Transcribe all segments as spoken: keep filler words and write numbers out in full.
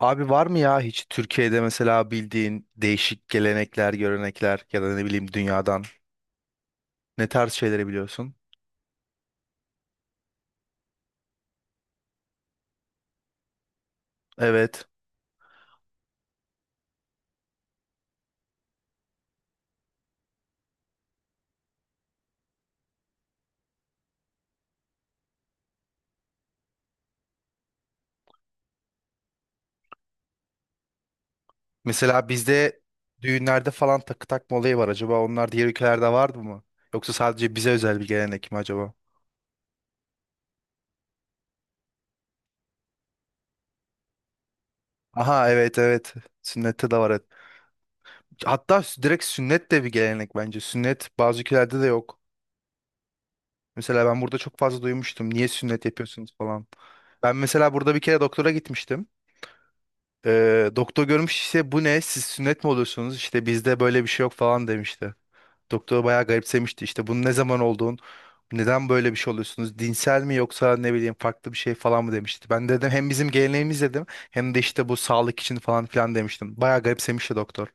Abi var mı ya hiç Türkiye'de mesela bildiğin değişik gelenekler, görenekler ya da ne bileyim dünyadan ne tarz şeyleri biliyorsun? Evet. Mesela bizde düğünlerde falan takı takma olayı var. Acaba onlar diğer ülkelerde vardı mı? Yoksa sadece bize özel bir gelenek mi acaba? Aha, evet, evet. Sünnette de var, evet. Hatta sü- direkt sünnet de bir gelenek bence. Sünnet bazı ülkelerde de yok. Mesela ben burada çok fazla duymuştum. Niye sünnet yapıyorsunuz falan. Ben mesela burada bir kere doktora gitmiştim. Ee, doktor görmüş işte bu ne siz sünnet mi oluyorsunuz işte bizde böyle bir şey yok falan demişti. Doktor bayağı garipsemişti işte bunun ne zaman olduğun, neden böyle bir şey oluyorsunuz dinsel mi yoksa ne bileyim farklı bir şey falan mı demişti. Ben dedim hem bizim geleneğimiz dedim, hem de işte bu sağlık için falan filan demiştim. Bayağı garipsemişti doktor.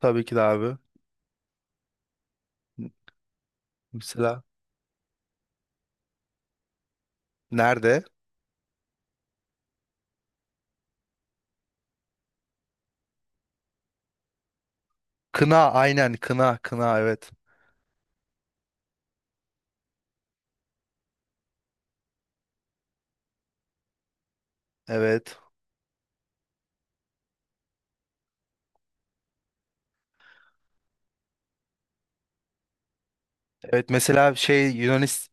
Tabii ki de abi. Mesela nerede? Kına, aynen, kına kına, evet. Evet. Evet mesela şey Yunanistan,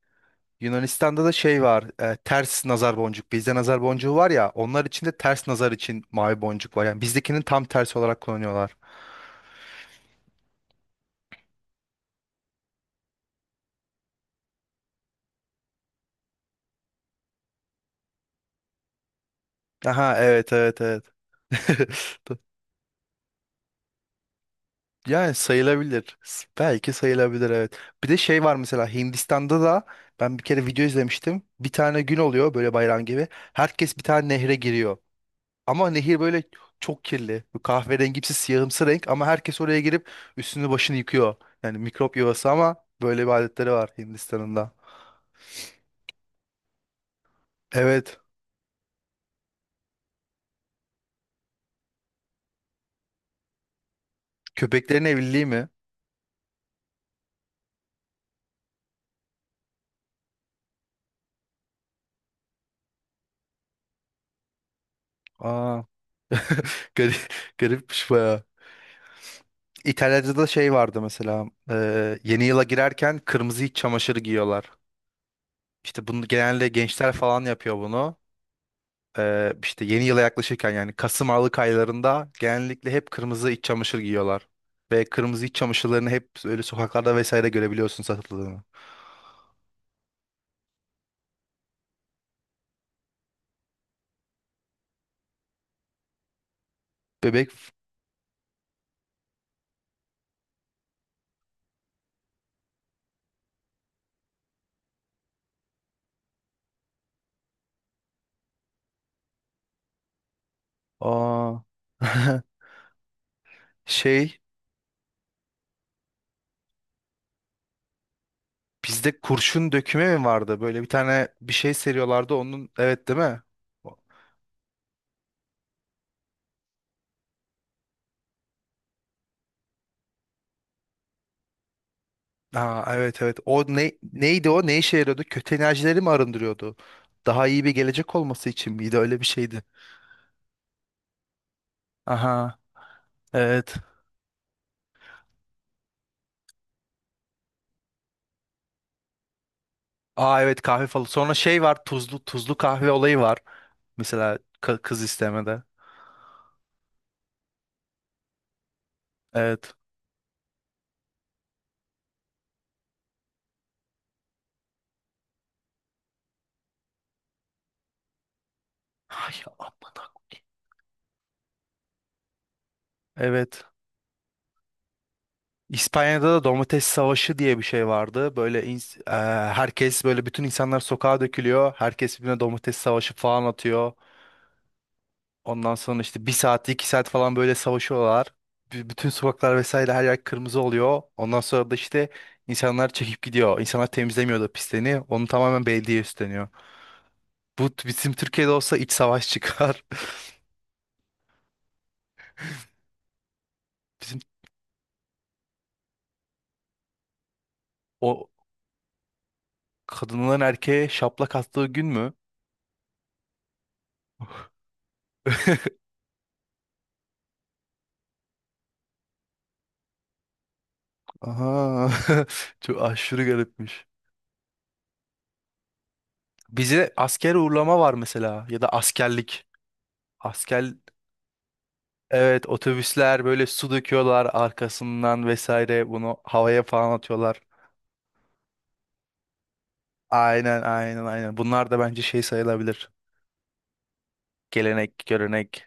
Yunanistan'da da şey var, e, ters nazar boncuk. Bizde nazar boncuğu var ya, onlar için de ters nazar için mavi boncuk var. Yani bizdekinin tam tersi olarak kullanıyorlar. Aha, evet, evet, evet. Do- Yani sayılabilir. S- Belki sayılabilir, evet. Bir de şey var mesela Hindistan'da da ben bir kere video izlemiştim. Bir tane gün oluyor böyle bayram gibi. Herkes bir tane nehre giriyor. Ama nehir böyle çok kirli. Bu kahverengimsi siyahımsı renk ama herkes oraya girip üstünü başını yıkıyor. Yani mikrop yuvası ama böyle bir adetleri var Hindistan'ın da. Evet. Köpeklerin evliliği mi? Aa, garip, garipmiş bayağı. İtalya'da da şey vardı mesela. E, yeni yıla girerken kırmızı iç çamaşırı giyiyorlar. İşte bunu genelde gençler falan yapıyor bunu. Ee, işte yeni yıla yaklaşırken yani Kasım Aralık aylarında genellikle hep kırmızı iç çamaşır giyiyorlar. Ve kırmızı iç çamaşırlarını hep öyle sokaklarda vesaire görebiliyorsun satıldığını. Bebek, aa, şey, bizde kurşun döküme mi vardı? Böyle bir tane bir şey seriyorlardı onun, evet, değil mi? Aa, evet, evet. O ne, neydi o? Ne işe yarıyordu? Kötü enerjileri mi arındırıyordu? Daha iyi bir gelecek olması için miydi? Öyle bir şeydi. Aha, evet. Aa, evet, kahve falan. Sonra şey var, tuzlu tuzlu kahve olayı var. Mesela ka- kız istemede. Evet. Ay, a- evet. İspanya'da da domates savaşı diye bir şey vardı. Böyle ins- eee, herkes böyle bütün insanlar sokağa dökülüyor. Herkes birbirine domates savaşı falan atıyor. Ondan sonra işte bir saat iki saat falan böyle savaşıyorlar. B- bütün sokaklar vesaire her yer kırmızı oluyor. Ondan sonra da işte insanlar çekip gidiyor. İnsanlar temizlemiyor da pisliğini. Onu tamamen belediye üstleniyor. Bu bizim Türkiye'de olsa iç savaş çıkar. Bizim o, kadınların erkeğe şaplak attığı gün mü? Aha. Çok aşırı garipmiş. Bize asker uğurlama var mesela, ya da askerlik. Asker, evet, otobüsler böyle su döküyorlar arkasından vesaire bunu havaya falan atıyorlar. Aynen, aynen, aynen. Bunlar da bence şey sayılabilir. Gelenek, görenek.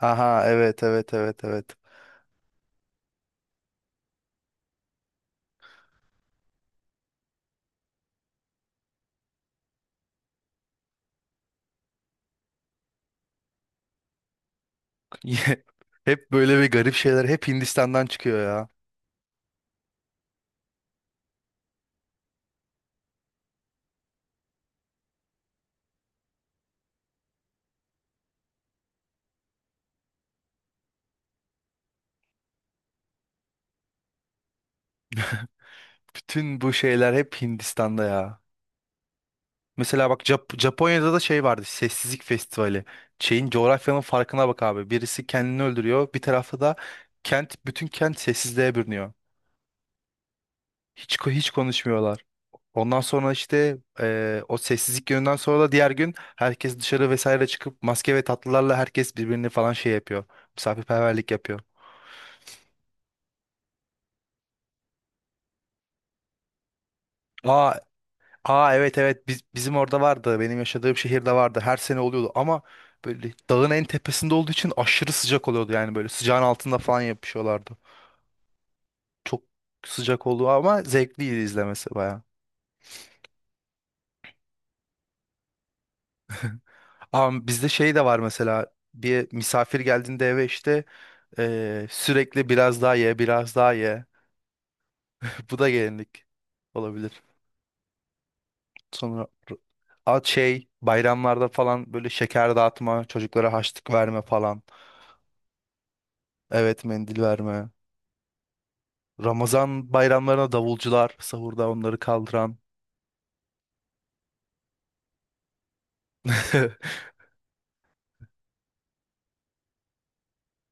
Aha, evet, evet, evet, evet. Hep böyle bir garip şeyler hep Hindistan'dan çıkıyor ya. Bütün bu şeyler hep Hindistan'da ya. Mesela bak Jap- Japonya'da da şey vardı. Sessizlik Festivali. Şeyin, coğrafyanın farkına bak abi. Birisi kendini öldürüyor. Bir tarafta da kent, bütün kent sessizliğe bürünüyor. Hiç ko- hiç konuşmuyorlar. Ondan sonra işte eee, o sessizlik gününden sonra da diğer gün herkes dışarı vesaire çıkıp maske ve tatlılarla herkes birbirini falan şey yapıyor. Misafirperverlik yapıyor. Aa. Aa, evet, evet, biz, bizim orada vardı. Benim yaşadığım şehirde vardı. Her sene oluyordu ama böyle dağın en tepesinde olduğu için aşırı sıcak oluyordu. Yani böyle sıcağın altında falan yapışıyorlardı. Çok sıcak oldu ama zevkliydi izlemesi baya. Ama bizde şey de var mesela bir misafir geldiğinde eve işte eee, sürekli biraz daha ye biraz daha ye. Bu da gelinlik olabilir. Sonra at şey bayramlarda falan böyle şeker dağıtma, çocuklara harçlık verme falan. Evet, mendil verme. Ramazan bayramlarına davulcular sahurda onları kaldıran.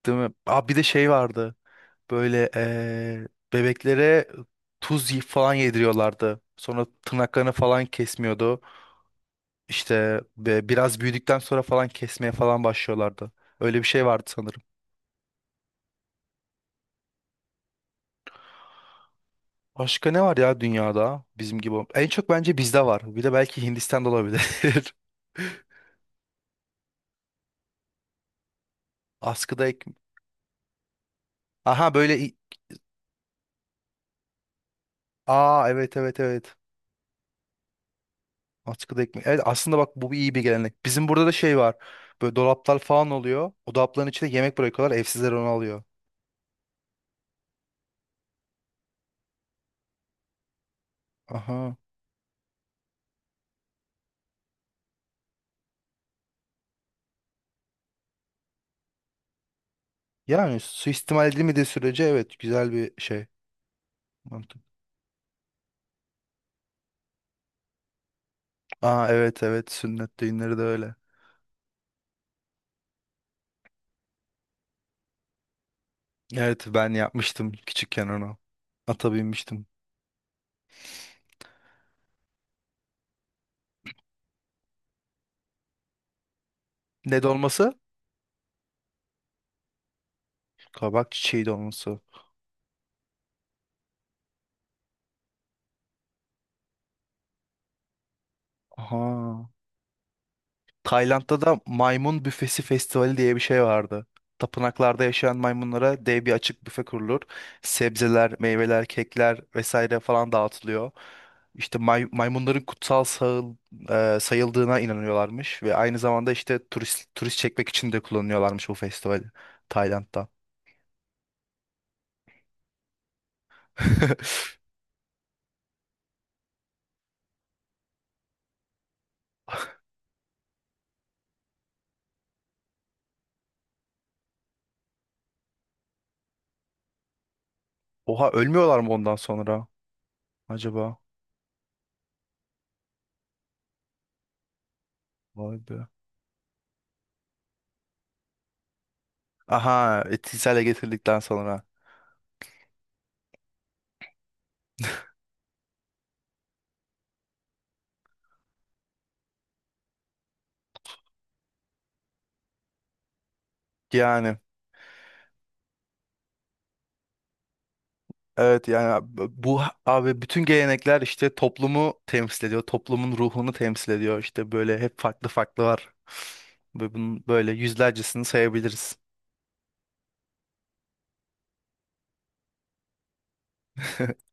Değil mi? Aa, bir de şey vardı. Böyle eee, bebeklere tuz y- falan yediriyorlardı. Sonra tırnaklarını falan kesmiyordu. İşte be- biraz büyüdükten sonra falan kesmeye falan başlıyorlardı. Öyle bir şey vardı sanırım. Başka ne var ya dünyada bizim gibi? En çok bence bizde var. Bir de belki Hindistan'da olabilir. Askıda ek... Aha böyle... i- Aa, evet, evet, evet. Askıda ekmek. Evet aslında bak bu bir iyi bir gelenek. Bizim burada da şey var. Böyle dolaplar falan oluyor. O dolapların içinde yemek bırakıyorlar. Evsizler onu alıyor. Aha. Yani suistimal edilmediği sürece, evet, güzel bir şey. Mantık. Aa, evet, evet, sünnet düğünleri de öyle. Evet, ben yapmıştım küçükken onu. Ata binmiştim. Ne dolması? Kabak çiçeği dolması. Aha. Tayland'da da maymun büfesi festivali diye bir şey vardı. Tapınaklarda yaşayan maymunlara dev bir açık büfe kurulur. Sebzeler, meyveler, kekler vesaire falan dağıtılıyor. İşte may- maymunların kutsal sağıl- e, sayıldığına inanıyorlarmış ve aynı zamanda işte turist turist çekmek için de kullanıyorlarmış bu festivali Tayland'da. Oha, ölmüyorlar mı ondan sonra acaba? Vay be. Aha etkisiyle getirdikten sonra. Yani. Evet yani bu abi bütün gelenekler işte toplumu temsil ediyor. Toplumun ruhunu temsil ediyor. İşte böyle hep farklı farklı var. Ve bunun böyle yüzlercesini sayabiliriz.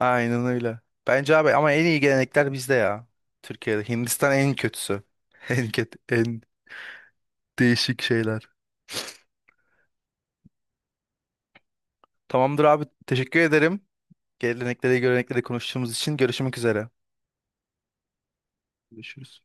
Aynen öyle. Bence abi ama en iyi gelenekler bizde ya. Türkiye'de. Hindistan en kötüsü. En kötü, en değişik şeyler. Tamamdır abi. Teşekkür ederim. Gelenekleri, görenekleri konuştuğumuz için görüşmek üzere. Görüşürüz.